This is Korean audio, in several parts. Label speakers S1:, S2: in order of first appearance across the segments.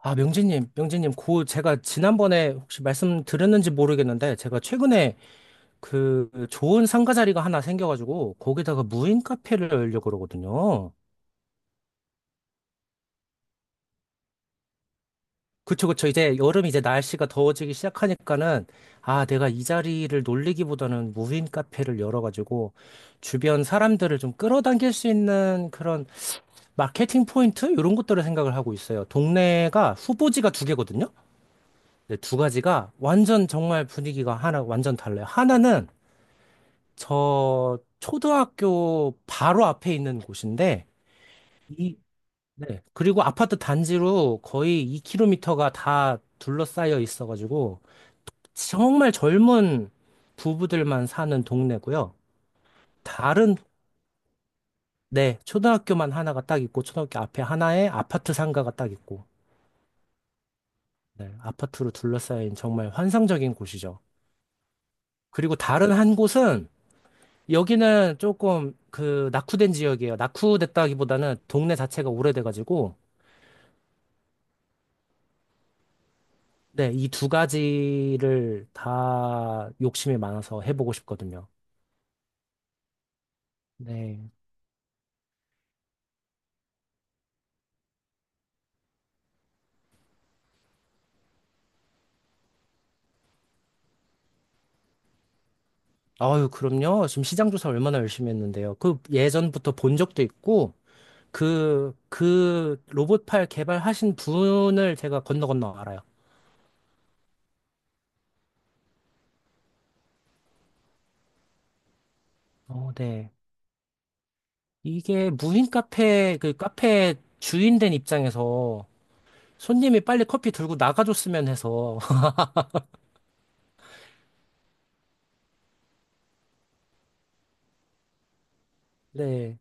S1: 아, 명진님, 그 제가 지난번에 혹시 말씀드렸는지 모르겠는데 제가 최근에 그 좋은 상가 자리가 하나 생겨가지고 거기다가 무인 카페를 열려고 그러거든요. 그쵸, 그쵸. 이제 여름 이제 날씨가 더워지기 시작하니까는 아, 내가 이 자리를 놀리기보다는 무인 카페를 열어가지고 주변 사람들을 좀 끌어당길 수 있는 그런 마케팅 포인트 이런 것들을 생각을 하고 있어요. 동네가 후보지가 두 개거든요. 근데 두 가지가 완전 정말 분위기가 하나 완전 달라요. 하나는 저 초등학교 바로 앞에 있는 곳인데 이 네. 그리고 아파트 단지로 거의 2km가 다 둘러싸여 있어가지고 정말 젊은 부부들만 사는 동네고요. 다른 네, 초등학교만 하나가 딱 있고 초등학교 앞에 하나에 아파트 상가가 딱 있고 네, 아파트로 둘러싸인 정말 환상적인 곳이죠. 그리고 다른 한 곳은 여기는 조금 그 낙후된 지역이에요. 낙후됐다기보다는 동네 자체가 오래돼가지고, 네, 이 두 가지를 다 욕심이 많아서 해보고 싶거든요. 네. 아유, 그럼요. 지금 시장 조사 얼마나 열심히 했는데요. 그 예전부터 본 적도 있고, 그 로봇팔 개발하신 분을 제가 건너 건너 알아요. 어, 네. 이게 무인 카페, 그 카페 주인 된 입장에서 손님이 빨리 커피 들고 나가줬으면 해서, 네.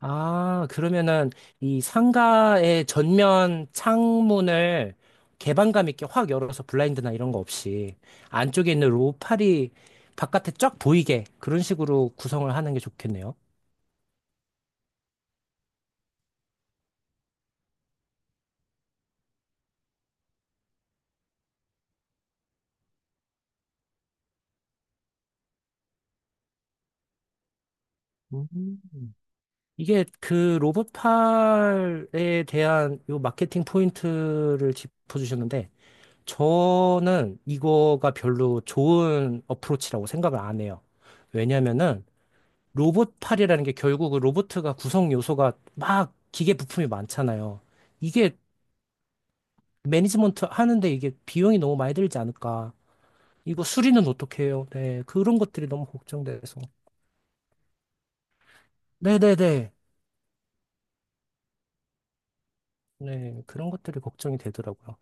S1: 아, 그러면은 이 상가의 전면 창문을 개방감 있게 확 열어서 블라인드나 이런 거 없이 안쪽에 있는 로팔이 바깥에 쫙 보이게 그런 식으로 구성을 하는 게 좋겠네요. 음. 이게 그 로봇팔에 대한 요 마케팅 포인트를 짚어주셨는데 저는 이거가 별로 좋은 어프로치라고 생각을 안 해요. 왜냐면은 로봇팔이라는 게 결국 그 로봇가 구성 요소가 막 기계 부품이 많잖아요. 이게 매니지먼트 하는데 이게 비용이 너무 많이 들지 않을까. 이거 수리는 어떻게 해요? 네, 그런 것들이 너무 걱정돼서. 네네네. 네, 그런 것들이 걱정이 되더라고요.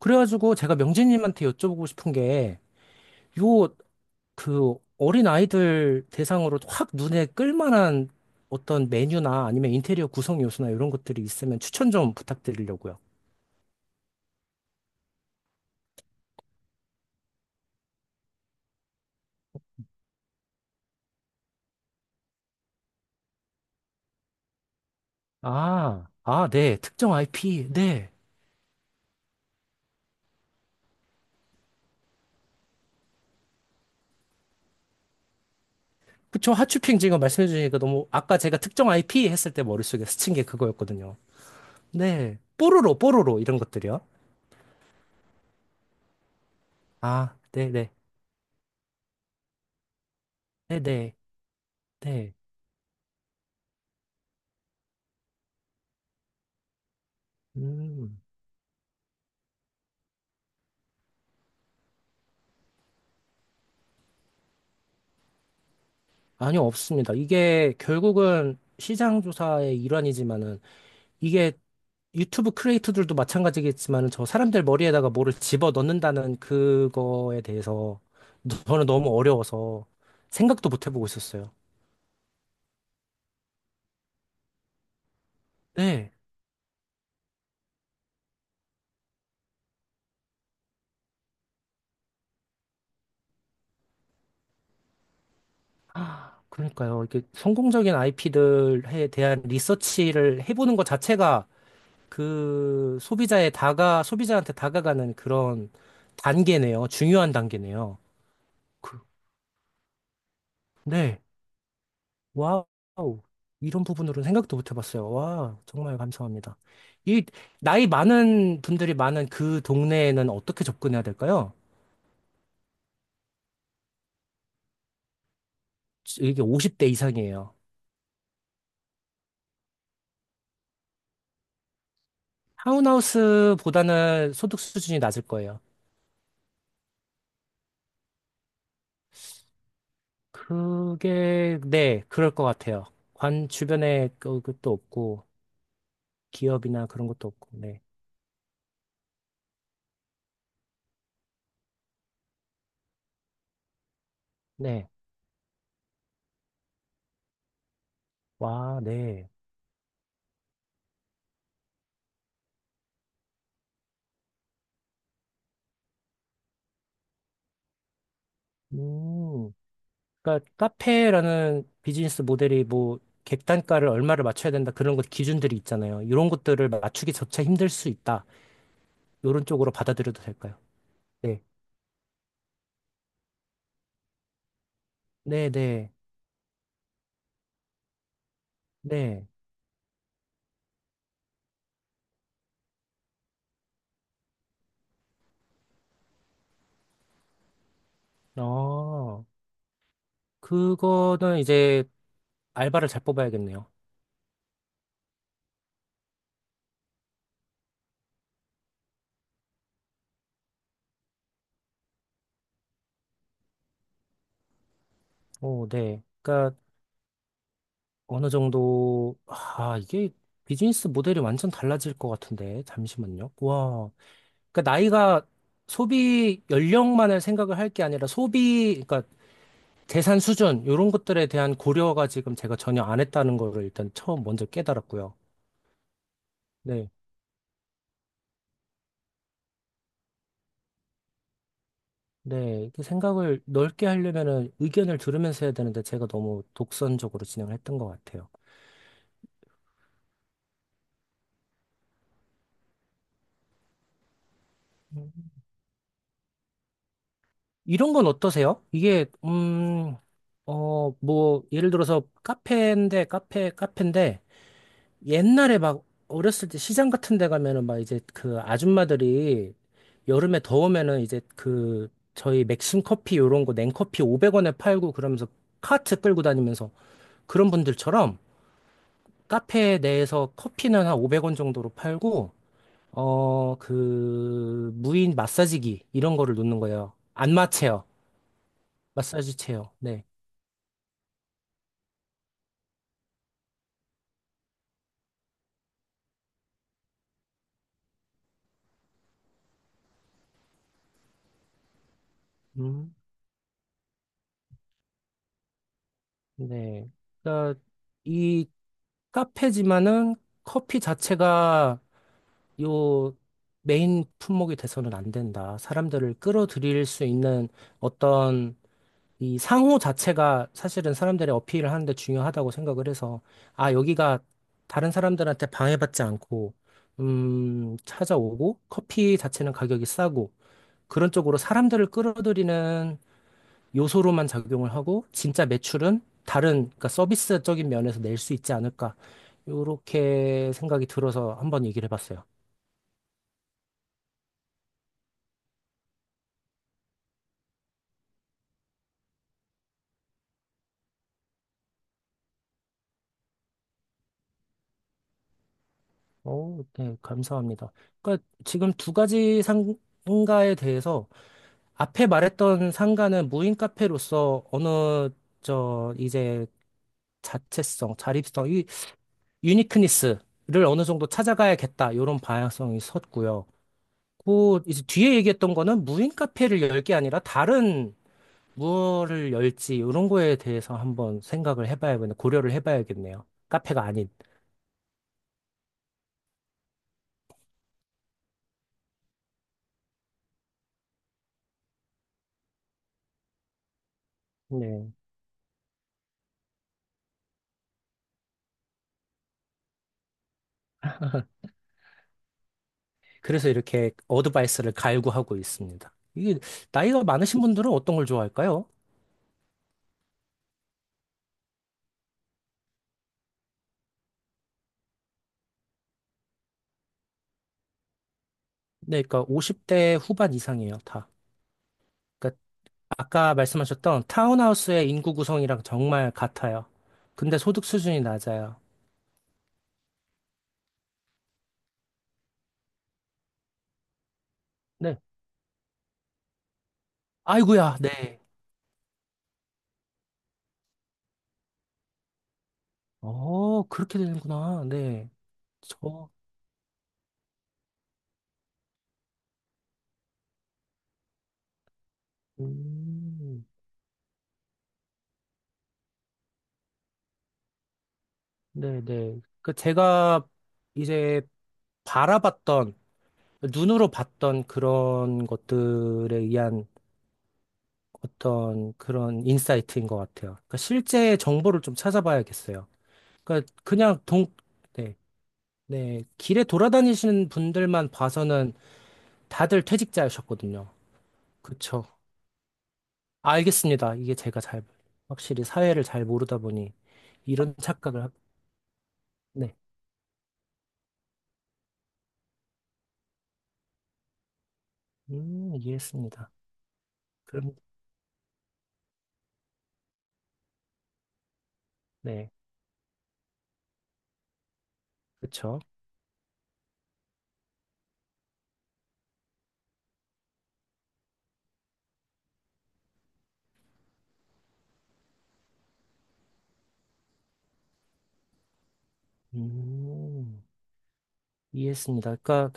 S1: 그래가지고 제가 명진님한테 여쭤보고 싶은 게, 요, 그, 어린 아이들 대상으로 확 눈에 끌만한 어떤 메뉴나 아니면 인테리어 구성 요소나 이런 것들이 있으면 추천 좀 부탁드리려고요. 아, 아, 네. 특정 IP. 네. 그쵸. 하추핑 지금 말씀해 주시니까 너무, 아까 제가 특정 IP 했을 때 머릿속에 스친 게 그거였거든요. 네. 뽀로로, 뽀로로, 이런 것들이요. 아, 네네. 네네. 네. 네. 네. 음. 아니요, 없습니다. 이게 결국은 시장 조사의 일환이지만은, 이게 유튜브 크리에이터들도 마찬가지겠지만은, 저 사람들 머리에다가 뭐를 집어 넣는다는 그거에 대해서 저는 너무 어려워서 생각도 못 해보고 있었어요. 네. 아, 그러니까요. 이게 성공적인 IP들에 대한 리서치를 해보는 것 자체가 그 소비자의 다가, 소비자한테 다가가는 그런 단계네요. 중요한 단계네요. 그, 네. 와우. 이런 부분으로는 생각도 못 해봤어요. 와, 정말 감사합니다. 이 나이 많은 분들이 많은 그 동네에는 어떻게 접근해야 될까요? 이게 50대 이상이에요. 타운하우스보다는 소득 수준이 낮을 거예요. 그게, 네, 그럴 것 같아요. 관 주변에 그것도 없고, 기업이나 그런 것도 없고, 네. 네. 와, 네. 음. 그러니까 카페라는 비즈니스 모델이 뭐, 객단가를 얼마를 맞춰야 된다, 그런 것 기준들이 있잖아요. 이런 것들을 맞추기 조차 힘들 수 있다. 이런 쪽으로 받아들여도 될까요? 네. 네, 네, 네. 어, 그거는 이제 알바를 잘 뽑아야겠네요. 오, 네. 그러니까 어느 정도, 아, 이게 비즈니스 모델이 완전 달라질 것 같은데, 잠시만요. 와, 그러니까 나이가 소비 연령만을 생각을 할 게 아니라 소비, 그러니까 재산 수준, 이런 것들에 대한 고려가 지금 제가 전혀 안 했다는 거를 일단 처음 먼저 깨달았고요. 네. 네, 이렇게 생각을 넓게 하려면은 의견을 들으면서 해야 되는데 제가 너무 독선적으로 진행을 했던 것 같아요. 이런 건 어떠세요? 이게 어, 뭐 예를 들어서 카페인데 카페인데 옛날에 막 어렸을 때 시장 같은 데 가면은 막 이제 그 아줌마들이 여름에 더우면은 이제 그 저희 맥심 커피 요런 거 냉커피 500원에 팔고 그러면서 카트 끌고 다니면서 그런 분들처럼 카페 내에서 커피는 한 500원 정도로 팔고 어, 그 무인 마사지기 이런 거를 놓는 거예요. 안마 체어, 마사지 체어. 네. 음, 네. 그러니까 이 카페지만은 커피 자체가 요 메인 품목이 돼서는 안 된다. 사람들을 끌어들일 수 있는 어떤 이 상호 자체가 사실은 사람들의 어필을 하는데 중요하다고 생각을 해서 아, 여기가 다른 사람들한테 방해받지 않고 찾아오고 커피 자체는 가격이 싸고 그런 쪽으로 사람들을 끌어들이는 요소로만 작용을 하고 진짜 매출은 다른 그러니까 서비스적인 면에서 낼 수 있지 않을까 요렇게 생각이 들어서 한번 얘기를 해봤어요. 오, 네, 감사합니다. 그러니까 지금 두 가지 상가에 대해서 앞에 말했던 상가는 무인 카페로서 어느 저 이제 자체성, 자립성, 이 유니크니스를 어느 정도 찾아가야겠다 이런 방향성이 섰고요. 그 이제 뒤에 얘기했던 거는 무인 카페를 열 게 아니라 다른 무엇을 열지 이런 거에 대해서 한번 생각을 해봐야겠네요. 고려를 해봐야겠네요. 카페가 아닌. 네. 그래서 이렇게 어드바이스를 갈구하고 있습니다. 이게 나이가 많으신 분들은 어떤 걸 좋아할까요? 네, 그러니까 50대 후반 이상이에요, 다. 그러니까 아까 말씀하셨던 타운하우스의 인구 구성이랑 정말 같아요. 근데 소득 수준이 낮아요. 네. 아이고야, 네. 어, 그렇게 되는구나. 네. 저, 음. 네네. 그 제가 이제 바라봤던, 눈으로 봤던 그런 것들에 의한 어떤 그런 인사이트인 것 같아요. 그러니까 실제 정보를 좀 찾아봐야겠어요. 그러니까 그냥 동, 네, 네. 길에 돌아다니시는 분들만 봐서는 다들 퇴직자셨거든요. 그쵸. 알겠습니다. 이게 제가 잘, 확실히 사회를 잘 모르다 보니 이런 착각을, 하... 네. 이해했습니다. 그럼, 네. 그쵸. 음, 이해했습니다. 그러니까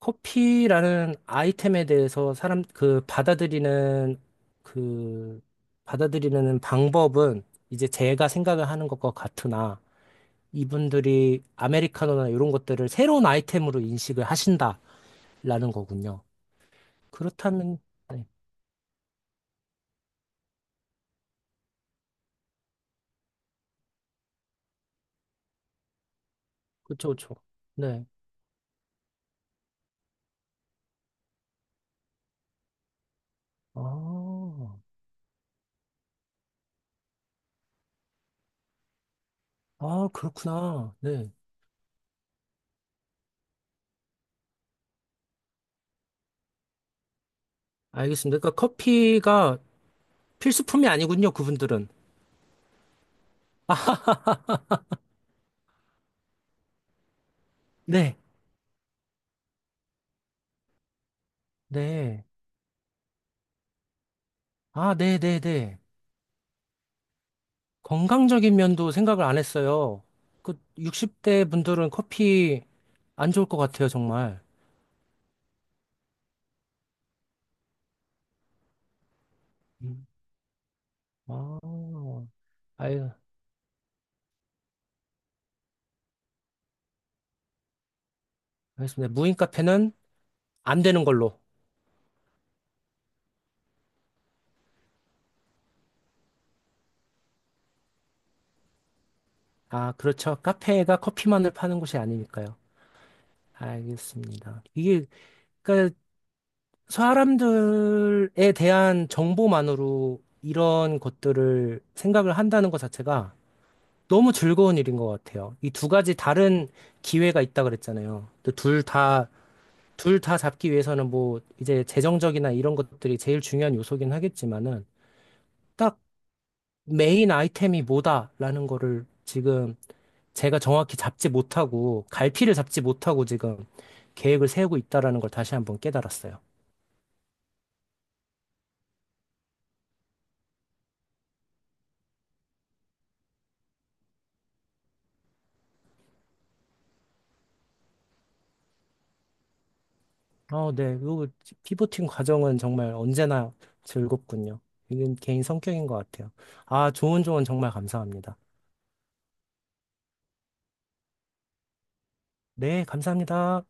S1: 커피라는 아이템에 대해서 사람 그 받아들이는 그 받아들이는 방법은 이제 제가 생각을 하는 것과 같으나 이분들이 아메리카노나 이런 것들을 새로운 아이템으로 인식을 하신다라는 거군요. 그렇다면 네, 그렇죠, 그렇죠. 네. 아, 아 그렇구나. 네, 알겠습니다. 그러니까 커피가 필수품이 아니군요, 그분들은. 네, 네. 아, 네네네. 건강적인 면도 생각을 안 했어요. 그 60대 분들은 커피 안 좋을 것 같아요, 정말. 음. 아, 아유, 알겠습니다. 무인 카페는 안 되는 걸로. 아, 그렇죠. 카페가 커피만을 파는 곳이 아니니까요. 알겠습니다. 이게, 그러니까 사람들에 대한 정보만으로 이런 것들을 생각을 한다는 것 자체가 너무 즐거운 일인 것 같아요. 이 두 가지 다른 기회가 있다 그랬잖아요. 둘 다, 둘 다 잡기 위해서는 뭐 이제 재정적이나 이런 것들이 제일 중요한 요소긴 하겠지만은 딱 메인 아이템이 뭐다라는 거를 지금 제가 정확히 잡지 못하고 갈피를 잡지 못하고 지금 계획을 세우고 있다라는 걸 다시 한번 깨달았어요. 어, 네. 요 피보팅 과정은 정말 언제나 즐겁군요. 이건 개인 성격인 것 같아요. 아, 좋은 조언 정말 감사합니다. 네, 감사합니다.